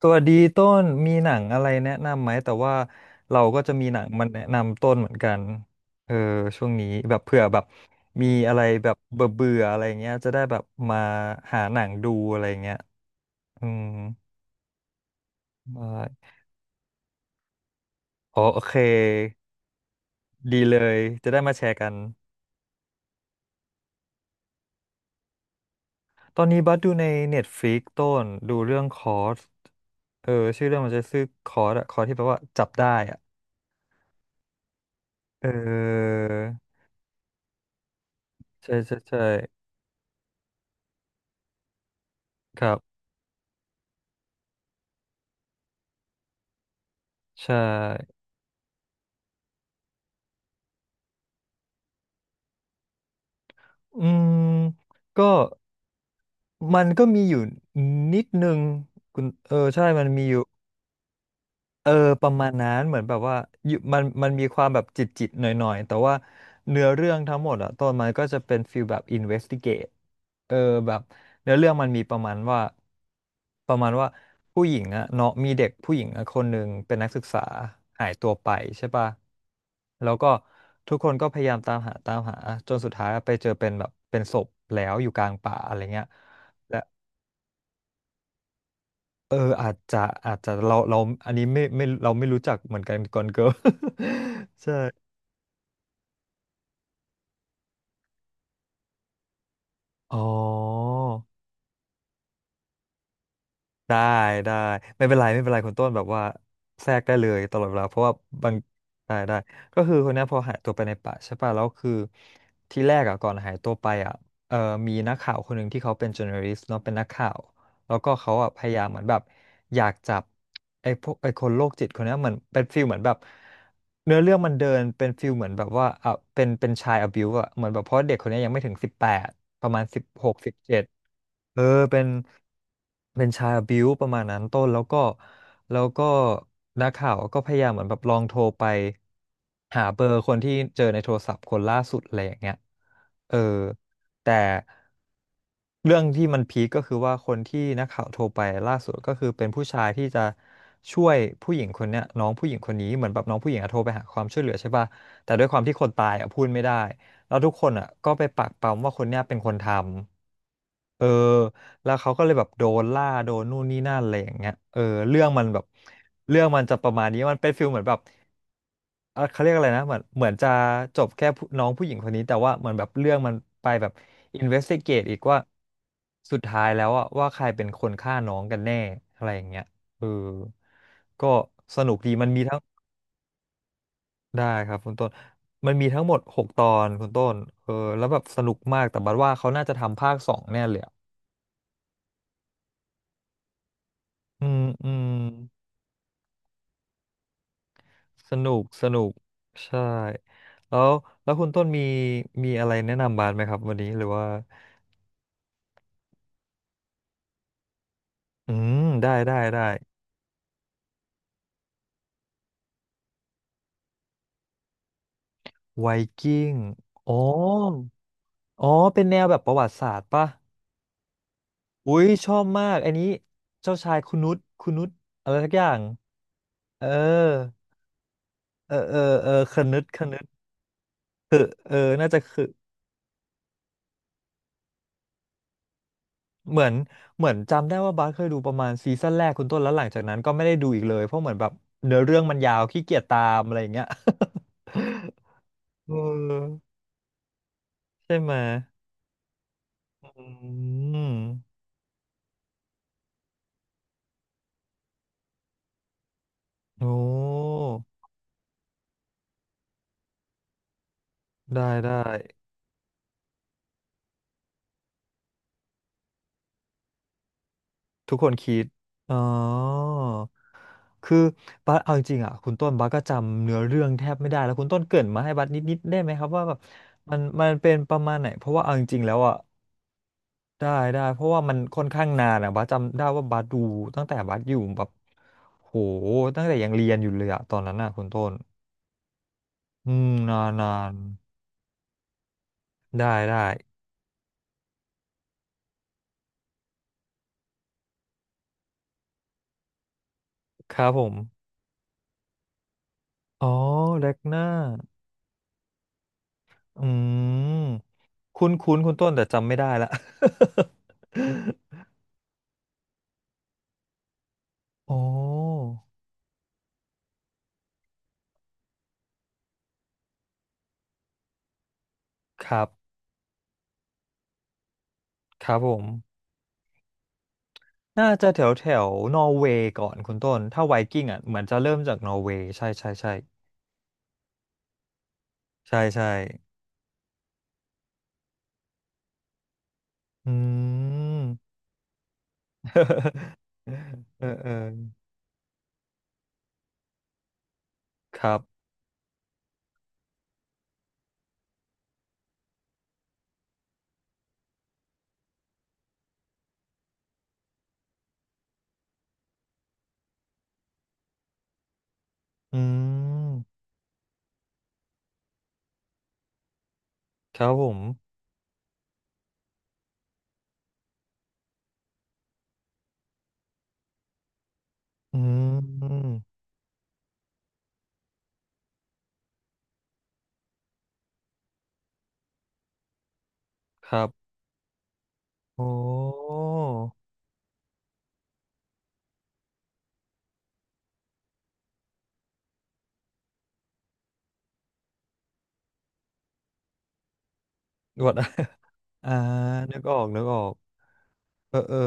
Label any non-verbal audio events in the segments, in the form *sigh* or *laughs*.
ตัวดีต้นมีหนังอะไรแนะนำไหมแต่ว่าเราก็จะมีหนังมันแนะนำต้นเหมือนกันเออช่วงนี้แบบเผื่อแบบมีอะไรแบบเบื่อเบื่ออะไรเงี้ยจะได้แบบมาหาหนังดูอะไรเงี้ยอืมได้อ๋อโอเคดีเลยจะได้มาแชร์กันตอนนี้บัสดูใน Netflix ต้นดูเรื่องคอร์สเออชื่อเรื่องมันจะชื่อคอร์สอะคอร์สที่แปลว่าจับได้อะเออใช่ใช่ใช่ครับใช่ อืมก็มันก็มีอยู่นิดนึงคุณเออใช่มันมีอยู่ เออประมาณนั้นเหมือนแบบว่าอยู่มันมีความแบบจิตจิตหน่อยๆแต่ว่าเนื้อเรื่องทั้งหมดอะตอนมันก็จะเป็นฟีลแบบ investigate เออแบบเนื้อเรื่องมันมีประมาณว่าประมาณว่าผู้หญิงอะเนาะมีเด็กผู้หญิงอะคนหนึ่งเป็นนักศึกษาหายตัวไปใช่ปะแล้วก็ทุกคนก็พยายามตามหาตามหาจนสุดท้ายไปเจอเป็นแบบเป็นศพแล้วอยู่กลางป่าอะไรเงี้ยและ เอออาจจะอาจจะเราอันนี้ไม่เราไม่รู้จักเหมือนกันก่อนเกิร์ล *laughs* ใช่อ๋อได้ได้ไม่เป็นไรไม่เป็นไรคุณต้นแบบว่าแทรกได้เลยตลอดเวลาเพราะว่าบางได้ได้ก็คือคนเนี้ยพอหายตัวไปในป่าใช่ป่ะแล้วคือที่แรกอ่ะก่อนหายตัวไปอ่ะเออมีนักข่าวคนหนึ่งที่เขาเป็น journalist เนาะเป็นนักข่าว แล้วก็เขาอ่ะพยายามเหมือนแบบอยากจับไอ้พวกไอ้คนโรคจิตคนเนี้ยเหมือนเป็นฟิลเหมือนแบบเนื้อเรื่องมันเดินเป็นฟิลเหมือนแบบว่าอ่ะเป็นชายอบิวอ่ะเหมือนแบบเพราะเด็กคนเนี้ยยังไม่ถึงสิบแปดประมาณสิบหกสิบเจ็ดเออเป็นเป็นชายอบิวประมาณนั้นต้นแล้วก็แล้วก็นักข่าวก็พยายามเหมือนแบบลองโทรไปหาเบอร์คนที่เจอในโทรศัพท์คนล่าสุดอะไรอย่างเงี้ยเออแต่ เรื่องที่มันพีคก็คือว่าคนที่นักข่าวโทรไปล่าสุดก็คือเป็นผู้ชายที่จะช่วยผู้หญิงคนเนี้ยน้องผู้หญิงคนนี้เหมือนแบบน้องผู้หญิงอะโทรไปหาความช่วยเหลือใช่ป่ะแต่ด้วยความที่คนตายอะพูดไม่ได้แล้วทุกคนอะก็ไปปักปำว่าคนเนี้ยเป็นคนทำเออแล้วเขาก็เลยแบบโดนล่าโดนนู่นนี่นั่นอะไรอย่างเงี้ยเออเรื่องมันแบบเรื่องมันจะประมาณนี้มันเป็นฟิลเหมือนแบบ เออเขาเรียกอะไรนะเหมือนเหมือนจะจบแค่ผู้น้องผู้หญิงคนนี้แต่ว่าเหมือนแบบเรื่องมันไปแบบ investigate อีกว่าสุดท้ายแล้วอะว่าใครเป็นคนฆ่าน้องกันแน่อะไรอย่างเงี้ยเออก็สนุกดีมันมีทั้งได้ครับคุณต้นมันมีทั้งหมดหกตอนคุณต้นเออแล้วแบบสนุกมากแต่บัดว่าเขาน่าจะทำภาคสองแน่เลยอะอืมอืมสนุกสนุกใช่แล้วแล้วคุณต้นมีมีอะไรแนะนำบาสไหมครับวันนี้หรือว่า อืมได้ได้ได้ไวกิ้งอ๋ออ๋อเป็นแนวแบบประวัติศาสตร์ป่ะอุ้ยชอบมากอันนี้เจ้าชายคุณนุชคุณนุชอะไรสักอย่างเออเออเออเออคนึดคนึดเออน่าจะคือเหมือนเหมือนจำได้ว่าบาสเคยดูประมาณซีซั่นแรกคุณต้นแล้วหลังจากนั้นก็ไม่ได้ดูอีกเลยเพราะเหมือนแบบเนื้อเรื่องมันยาวขี้เกียจตามอะไรอย่างเงี้ย *laughs* เออใช่ไหมยอืมโอ้ได้ได้ ทุกคนคิดอ๋อคือบัสเอาจริงๆอ่ะคุณต้นบัสก็จำเนื้อเรื่องแทบไม่ได้แล้วคุณต้นเกริ่นมาให้บัสนิดๆได้ไหมครับว่าแบบมันเป็นประมาณไหนเพราะว่าเอาจริงๆแล้วอ่ะได้ได้เพราะว่ามันค่อนข้างนานอ่ะบัสจำได้ว่าบัสดูตั้งแต่บัสอยู่แบบโหตั้งแต่ยังเรียนอยู่เลยอ่ะตอนนั้นอ่ะคุณต้นอืมนานนานได้ ได้ครับผมอ๋อแร็กหน้าอืมคุ้นคุ้นคุณต้นแต่จำไม่ได้ละ *laughs* โอ้ ครับ ครับผมน่าจะแถวแถวนอร์เวย์ก่อนคุณต้นถ้าไวกิ้งอ่ะเหมือนจะเริ่มจากนอร์เวย์ใช่ใช่ใช่ใช่ใช่อืม *laughs* เออเออครับอืมครับผมอืมครับโอ้ *laughs* หวด *laughs* อ่านึกออกนึกออกเออเออ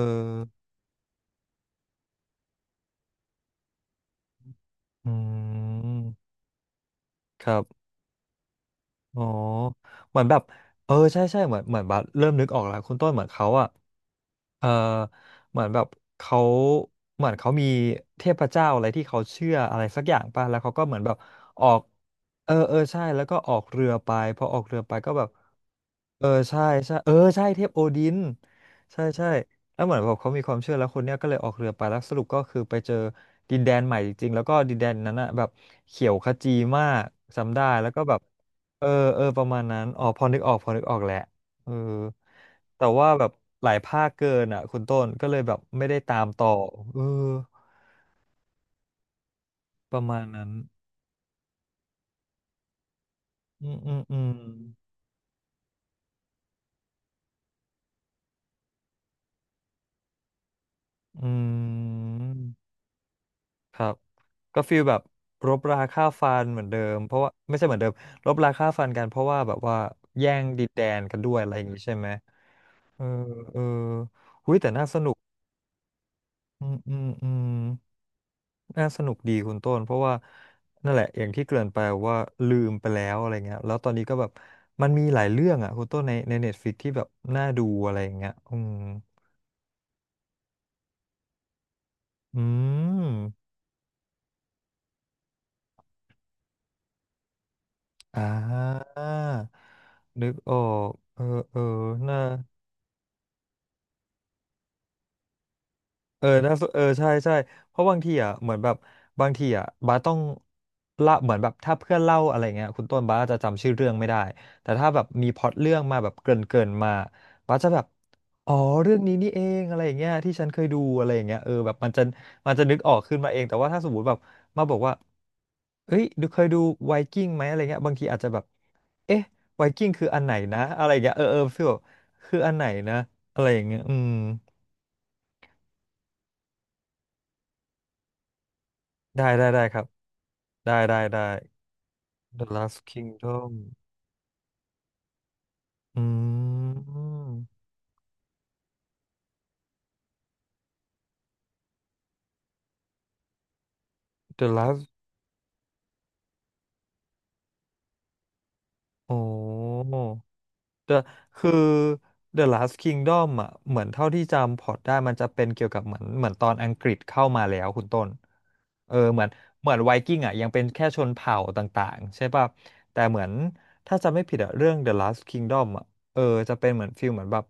อืมครับอ๋อเหมือนแบบเออใช่ใช่เหมือนเหมือนบัสเริ่มนึกออกแล้วคุณต้นเหมือนเขาอะ เอ่อเหมือนแบบเขาเขามีเทพเจ้าอะไรที่เขาเชื่ออะไรสักอย่างป่ะแล้วเขาก็เหมือนแบบออกเออเออใช่แล้วก็ออกเรือไปพอออกเรือไปก็แบบเออใช่ใช่เออใช่เทพโอดินใช่ใช่แล้วเหมือนแบบเขามีความเชื่อแล้วคนเนี้ยก็เลยออกเรือไปแล้วสรุปก็คือไปเจอดินแดนใหม่จริงๆแล้วก็ดินแดนนั้นอะแบบเขียวขจีมากจำได้แล้วก็แบบเออเออประมาณนั้นอ๋อพอนึกออกพอนึกออกแหละ เออแต่ว่าแบบหลายภาคเกินอ่ะคุณต้นก็เลยแบบไม่ได้ตามต่อเออประมาณนั้น อืมอืมอืมอืมครับก็ฟีลแบบรบราฆ่าฟันเหมือนเดิมเพราะว่าไม่ใช่เหมือนเดิมรบราฆ่าฟันกันเพราะว่าแบบว่าแย่งดินแดนกันด้วยอะไรอย่างงี้ใช่ไหมเออเออหุ้ยแต่น่าสนุกอืมอืมอืม น่าสนุกดีคุณต้นเพราะว่านั่นแหละอย่างที่เกริ่นไปว่าลืมไปแล้วอะไรเงี้ยแล้วตอนนี้ก็แบบมันมีหลายเรื่องอ่ะคุณต้นใน Netflix ที่แบบน่าดูอะไรอย่างเงี้ยอืมอืมอ่านึกออกเออเออน่า เออน่าสเออใช่ ใช่ เพราะบางทีอ่ะเหมือนแบบ บางทีอ่ะบาสต้องละเหมือนแบบถ้าเพื่อนเล่าอะไรเงี้ยคุณต้นบาสจะจำชื่อเรื่องไม่ได้ แต่ถ้าแบบมีพล็อตเรื่องมาแบบเกริ่นเกินมา บาสจะแบบอ๋อเรื่องนี้นี่เอง อะไรอย่างเงี้ยที่ฉันเคยดูอะไรอย่างเงี้ยเออแบบมันจะนึกออกขึ้นมาเองแต่ว่าถ้าสมมติแบบมาบอกว่าเอ้ยดูเคยดูไวกิ้งไหมอะไรเงี้ยบางทีอาจจะแบบเอ๊ะไวกิ้งคืออันไหนนะอะไรเงี้ยเออเออฟีลแบบคืออันไหนนะอะไรอย่างเงี้ยอืมได้ได้ได้ครับ ได้ได้ได้ The Last Kingdom อืม The Last โอ้ เดอะคือ The Last Kingdom อ่ะเหมือนเท่าที่จำพอร์ตได้มันจะเป็นเกี่ยวกับเหมือนเหมือนตอนอังกฤษเข้ามาแล้วคุณต้นเออเหมือนเหมือนไวกิ้งอ่ะยังเป็นแค่ชนเผ่าต่างๆใช่ป่ะแต่เหมือนถ้าจำไม่ผิดอะเรื่อง The Last Kingdom อ่ะเออจะเป็นเหมือนฟิลเหมือนแบบ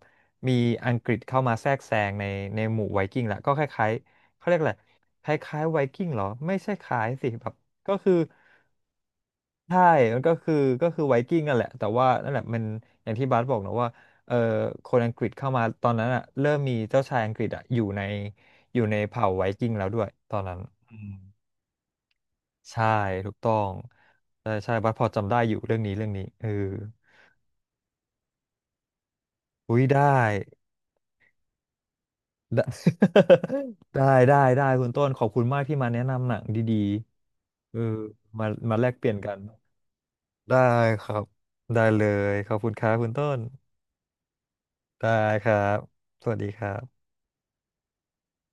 มีอังกฤษเข้ามาแทรกแซงในหมู่ไวกิ้งแหละก็คล้ายๆเขาเรียกอะไรคล้ายๆไวกิ้งเหรอไม่ใช่คล้ายสิแบบก็คือ ใช่มันก็คือก็คือไวกิ้งนั่นแหละแต่ว่านั่นแหละมันอย่างที่บาสบอกนะว่าเออคนอังกฤษเข้ามาตอนนั้นอ่ะเริ่มมีเจ้าชายอังกฤษอ่ะอยู่ในเผ่าไวกิ้งแล้วด้วยตอนนั้นอืมใช่ถูกต้องใช่ใช่บัสพอจำได้อยู่เรื่องนี้เรื่องนี้เอออุ้ยได้ได้ *laughs* ได้ได้ได้คุณต้นขอบคุณมากที่มาแนะนำหนังดีๆเออมามาแลกเปลี่ยนกันได้ครับได้เลยขอบคุณครับคุณต้น ได้ครับ สวัสดีครับ